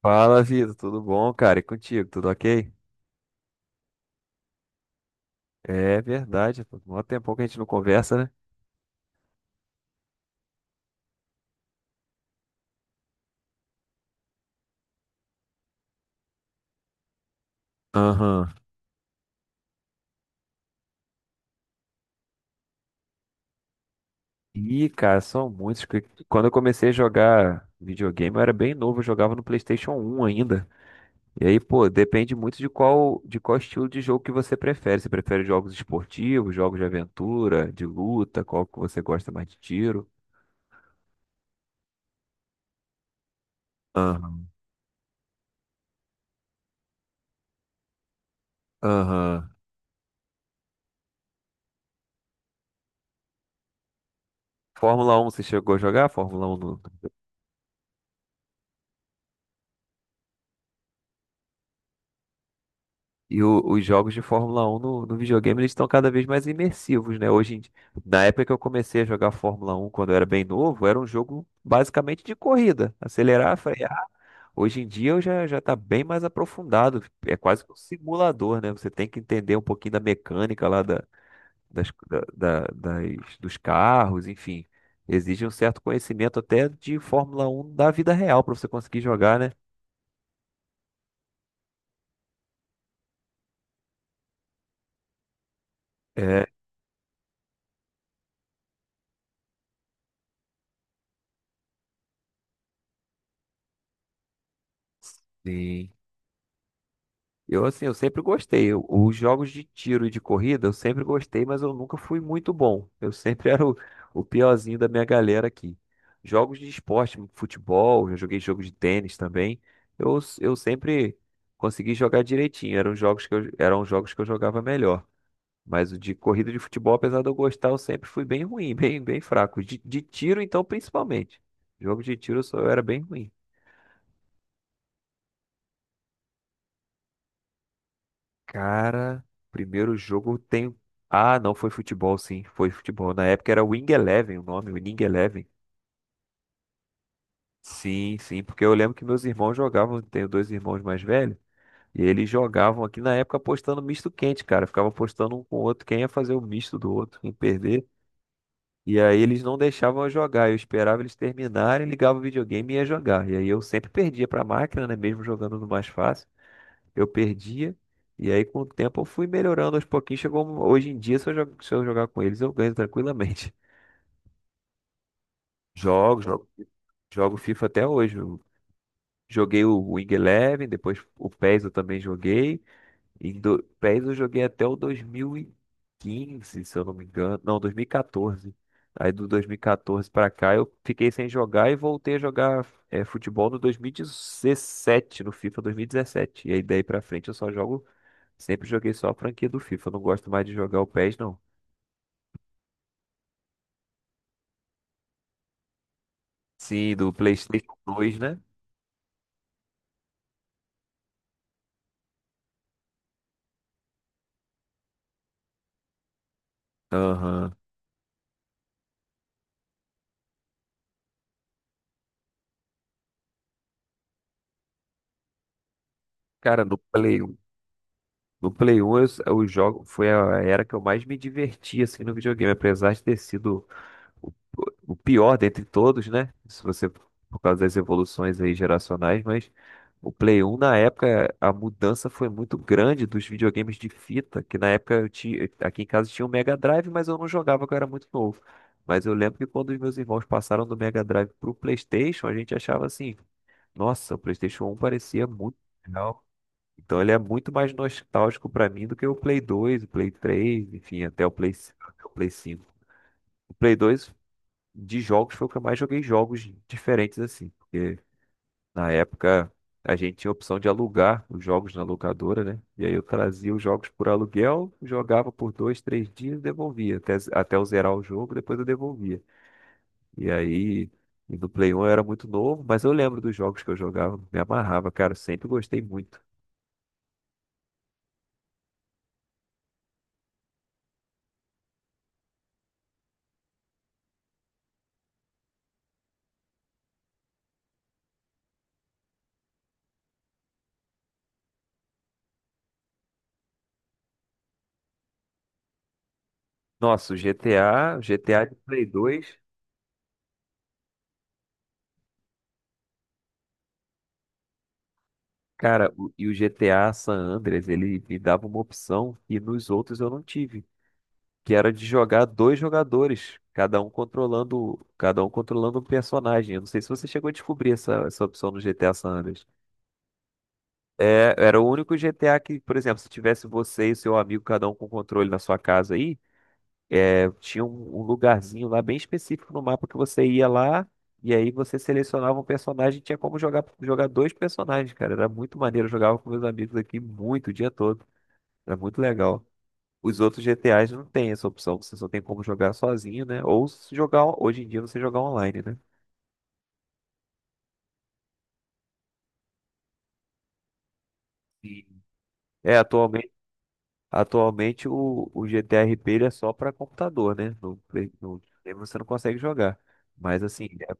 Fala, Vitor, tudo bom, cara? E contigo, tudo ok? É verdade, pô. Mó tempão que a gente não conversa, né? Aham. Ih, cara, são muitos. Quando eu comecei a jogar videogame, eu era bem novo, eu jogava no PlayStation 1 ainda. E aí, pô, depende muito de qual estilo de jogo que você prefere. Você prefere jogos esportivos, jogos de aventura, de luta, qual que você gosta mais, de tiro? Aham. Aham. Fórmula 1, você chegou a jogar? Fórmula 1. Os jogos de Fórmula 1 no videogame eles estão cada vez mais imersivos, né? Na época que eu comecei a jogar Fórmula 1, quando eu era bem novo, era um jogo basicamente de corrida, acelerar, frear. Hoje em dia eu já já está bem mais aprofundado, é quase que um simulador, né? Você tem que entender um pouquinho da mecânica lá da, das, da- da- das- dos carros, enfim. Exige um certo conhecimento até de Fórmula 1 da vida real para você conseguir jogar, né? É, sim. Eu, assim, eu sempre gostei. Os jogos de tiro e de corrida eu sempre gostei, mas eu nunca fui muito bom. Eu sempre era o piorzinho da minha galera aqui. Jogos de esporte, futebol, eu joguei jogo de tênis também. Eu sempre consegui jogar direitinho. Eram jogos que eu jogava melhor. Mas o de corrida e de futebol, apesar de eu gostar, eu sempre fui bem ruim, bem fraco. De tiro, então, principalmente. Jogo de tiro eu era bem ruim. Cara, primeiro jogo tem. Ah, não, foi futebol, sim, foi futebol. Na época era Wing Eleven o nome, Wing Eleven. Sim, sim, porque eu lembro que meus irmãos jogavam, tenho dois irmãos mais velhos, e eles jogavam aqui na época apostando misto quente, cara. Ficava apostando um com o outro, quem ia fazer o misto do outro, quem perder. E aí eles não deixavam eu jogar, eu esperava eles terminarem, ligava o videogame e ia jogar. E aí eu sempre perdia pra máquina, né, mesmo jogando no mais fácil. Eu perdia. E aí, com o tempo, eu fui melhorando aos pouquinhos. Hoje em dia, se eu jogar com eles, eu ganho tranquilamente. Jogo, jogo, jogo FIFA até hoje. Eu joguei o Wing Eleven, depois o PES eu também joguei. PES eu joguei até o 2015, se eu não me engano. Não, 2014. Aí do 2014 pra cá eu fiquei sem jogar e voltei a jogar, futebol, no 2017, no FIFA 2017. E dezessete. E aí daí pra frente eu só jogo. Sempre joguei só a franquia do FIFA. Não gosto mais de jogar o PES, não. Sim, do PlayStation 2, né? Aham. Cara, no Play 1. No Play 1 eu jogo, foi a era que eu mais me diverti assim no videogame, apesar de ter sido o, o pior dentre todos, né? Se você, por causa das evoluções aí geracionais, mas o Play 1 na época a mudança foi muito grande dos videogames de fita, que na época eu tinha, aqui em casa tinha o Mega Drive, mas eu não jogava, que eu era muito novo. Mas eu lembro que quando os meus irmãos passaram do Mega Drive pro PlayStation, a gente achava assim, nossa, o PlayStation um parecia muito legal. Então ele é muito mais nostálgico pra mim do que o Play 2, o Play 3, enfim, até o Play Cinco. O Play 2 de jogos foi o que eu mais joguei jogos diferentes assim, porque na época a gente tinha a opção de alugar os jogos na locadora, né? E aí eu trazia os jogos por aluguel, jogava por dois, três dias, devolvia até eu zerar o jogo, depois eu devolvia. E aí, no Play 1 eu era muito novo, mas eu lembro dos jogos que eu jogava, me amarrava, cara, eu sempre gostei muito. Nossa, o GTA de Play dois, cara. E o GTA San Andreas, ele me dava uma opção que nos outros eu não tive, que era de jogar dois jogadores, cada um controlando um personagem. Eu não sei se você chegou a descobrir essa, essa opção no GTA San Andreas. É, era o único GTA que, por exemplo, se tivesse você e seu amigo, cada um com controle na sua casa aí, é, tinha um lugarzinho lá bem específico no mapa que você ia lá, e aí você selecionava um personagem, e tinha como jogar dois personagens, cara. Era muito maneiro, eu jogava com meus amigos aqui muito, o dia todo. Era muito legal. Os outros GTAs não tem essa opção, você só tem como jogar sozinho, né? Ou, se jogar, hoje em dia, você jogar online, né? Sim. É, atualmente o GTRP ele é só para computador, né? Aí você não consegue jogar. Mas assim, é-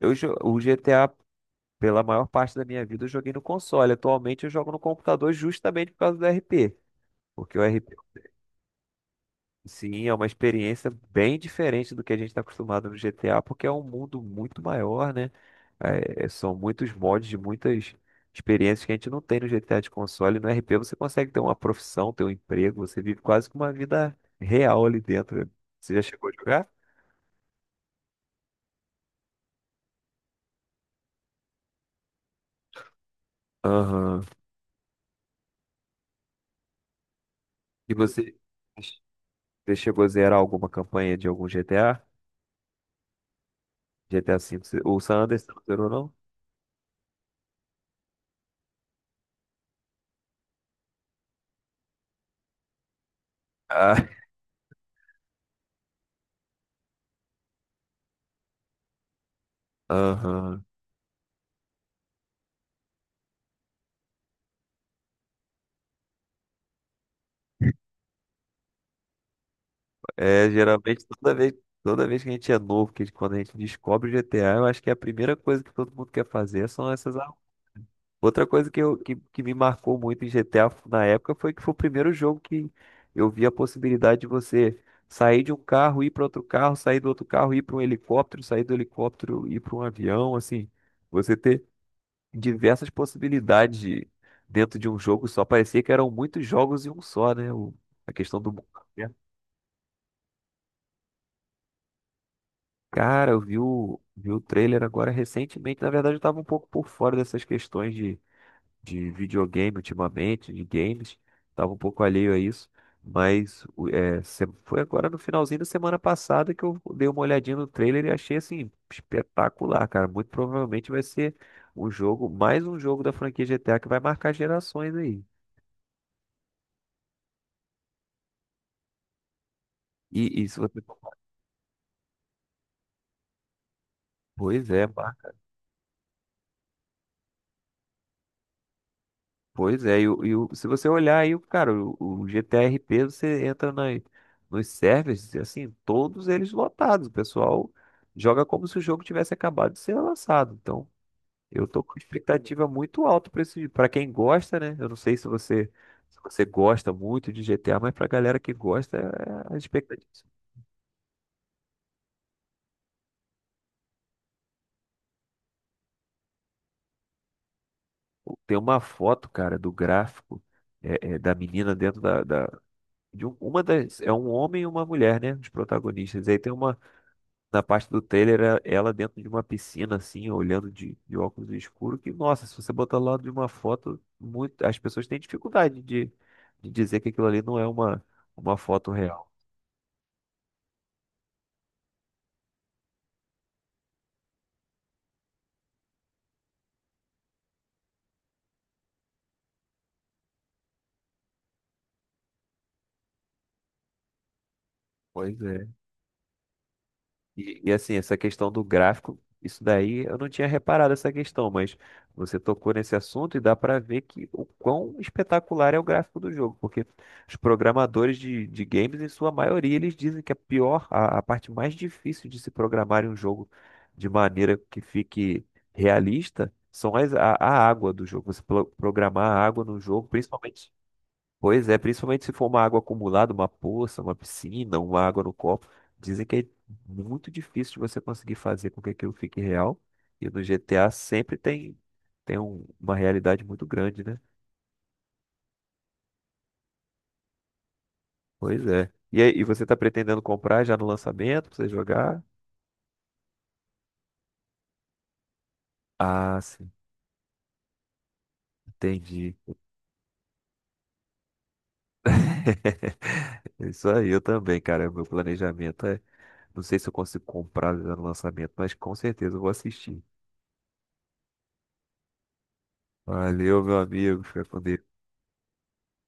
eu, jo- o GTA, pela maior parte da minha vida, eu joguei no console. Atualmente eu jogo no computador justamente por causa do RP. Porque o RP, sim, é uma experiência bem diferente do que a gente está acostumado no GTA, porque é um mundo muito maior, né? São muitos mods, de muitas experiências que a gente não tem no GTA de console. No RP você consegue ter uma profissão, ter um emprego, você vive quase que uma vida real ali dentro. Você já chegou a jogar? Aham. E você chegou a zerar alguma campanha de algum GTA? GTA V? O San Andreas você não zerou, não? Ah, aham. É, geralmente toda vez que a gente é novo, que quando a gente descobre o GTA, eu acho que a primeira coisa que todo mundo quer fazer são essas. Outra coisa que me marcou muito em GTA, na época, foi que foi o primeiro jogo que eu vi a possibilidade de você sair de um carro, ir para outro carro, sair do outro carro, ir para um helicóptero, sair do helicóptero, ir para um avião, assim, você ter diversas possibilidades dentro de um jogo só. Parecia que eram muitos jogos em um só, né? A questão do mundo aberto. Cara, eu vi o trailer agora recentemente. Na verdade, eu estava um pouco por fora dessas questões de videogame, ultimamente, de games, tava um pouco alheio a isso, foi agora no finalzinho da semana passada que eu dei uma olhadinha no trailer e achei assim espetacular, cara. Muito provavelmente vai ser mais um jogo da franquia GTA que vai marcar gerações aí. E isso, pois é, marca Pois é. E, o, e, o- se você olhar aí, cara, o GTRP, você entra nos servers, assim, todos eles lotados. O pessoal joga como se o jogo tivesse acabado de ser lançado. Então, eu tô com expectativa muito alta para esse, para quem gosta, né? Eu não sei se você, se você gosta muito de GTA, mas pra galera que gosta, é a expectativa. Tem uma foto, cara, do gráfico, da menina dentro da uma das, é um homem e uma mulher, né? Os protagonistas. Aí tem uma, na parte do Taylor, é ela dentro de uma piscina, assim, olhando de óculos escuros, que, nossa, se você botar lá de uma foto, muito, as pessoas têm dificuldade de, dizer que aquilo ali não é uma foto real. Pois é. E, assim, essa questão do gráfico, isso daí eu não tinha reparado essa questão, mas você tocou nesse assunto e dá para ver que o quão espetacular é o gráfico do jogo, porque os programadores de games, em sua maioria, eles dizem que a pior, a parte mais difícil de se programar em um jogo de maneira que fique realista são as, a água do jogo. Você programar a água no jogo, principalmente. Pois é, principalmente se for uma água acumulada, uma poça, uma piscina, uma água no copo. Dizem que é muito difícil de você conseguir fazer com que aquilo fique real. E no GTA sempre tem uma realidade muito grande, né? Pois é. E, aí, e você está pretendendo comprar já no lançamento para você jogar? Ah, sim, entendi. Isso aí, eu também, cara. Meu planejamento é. Não sei se eu consigo comprar já no lançamento, mas com certeza eu vou assistir. Valeu, meu amigo. Fica com Deus.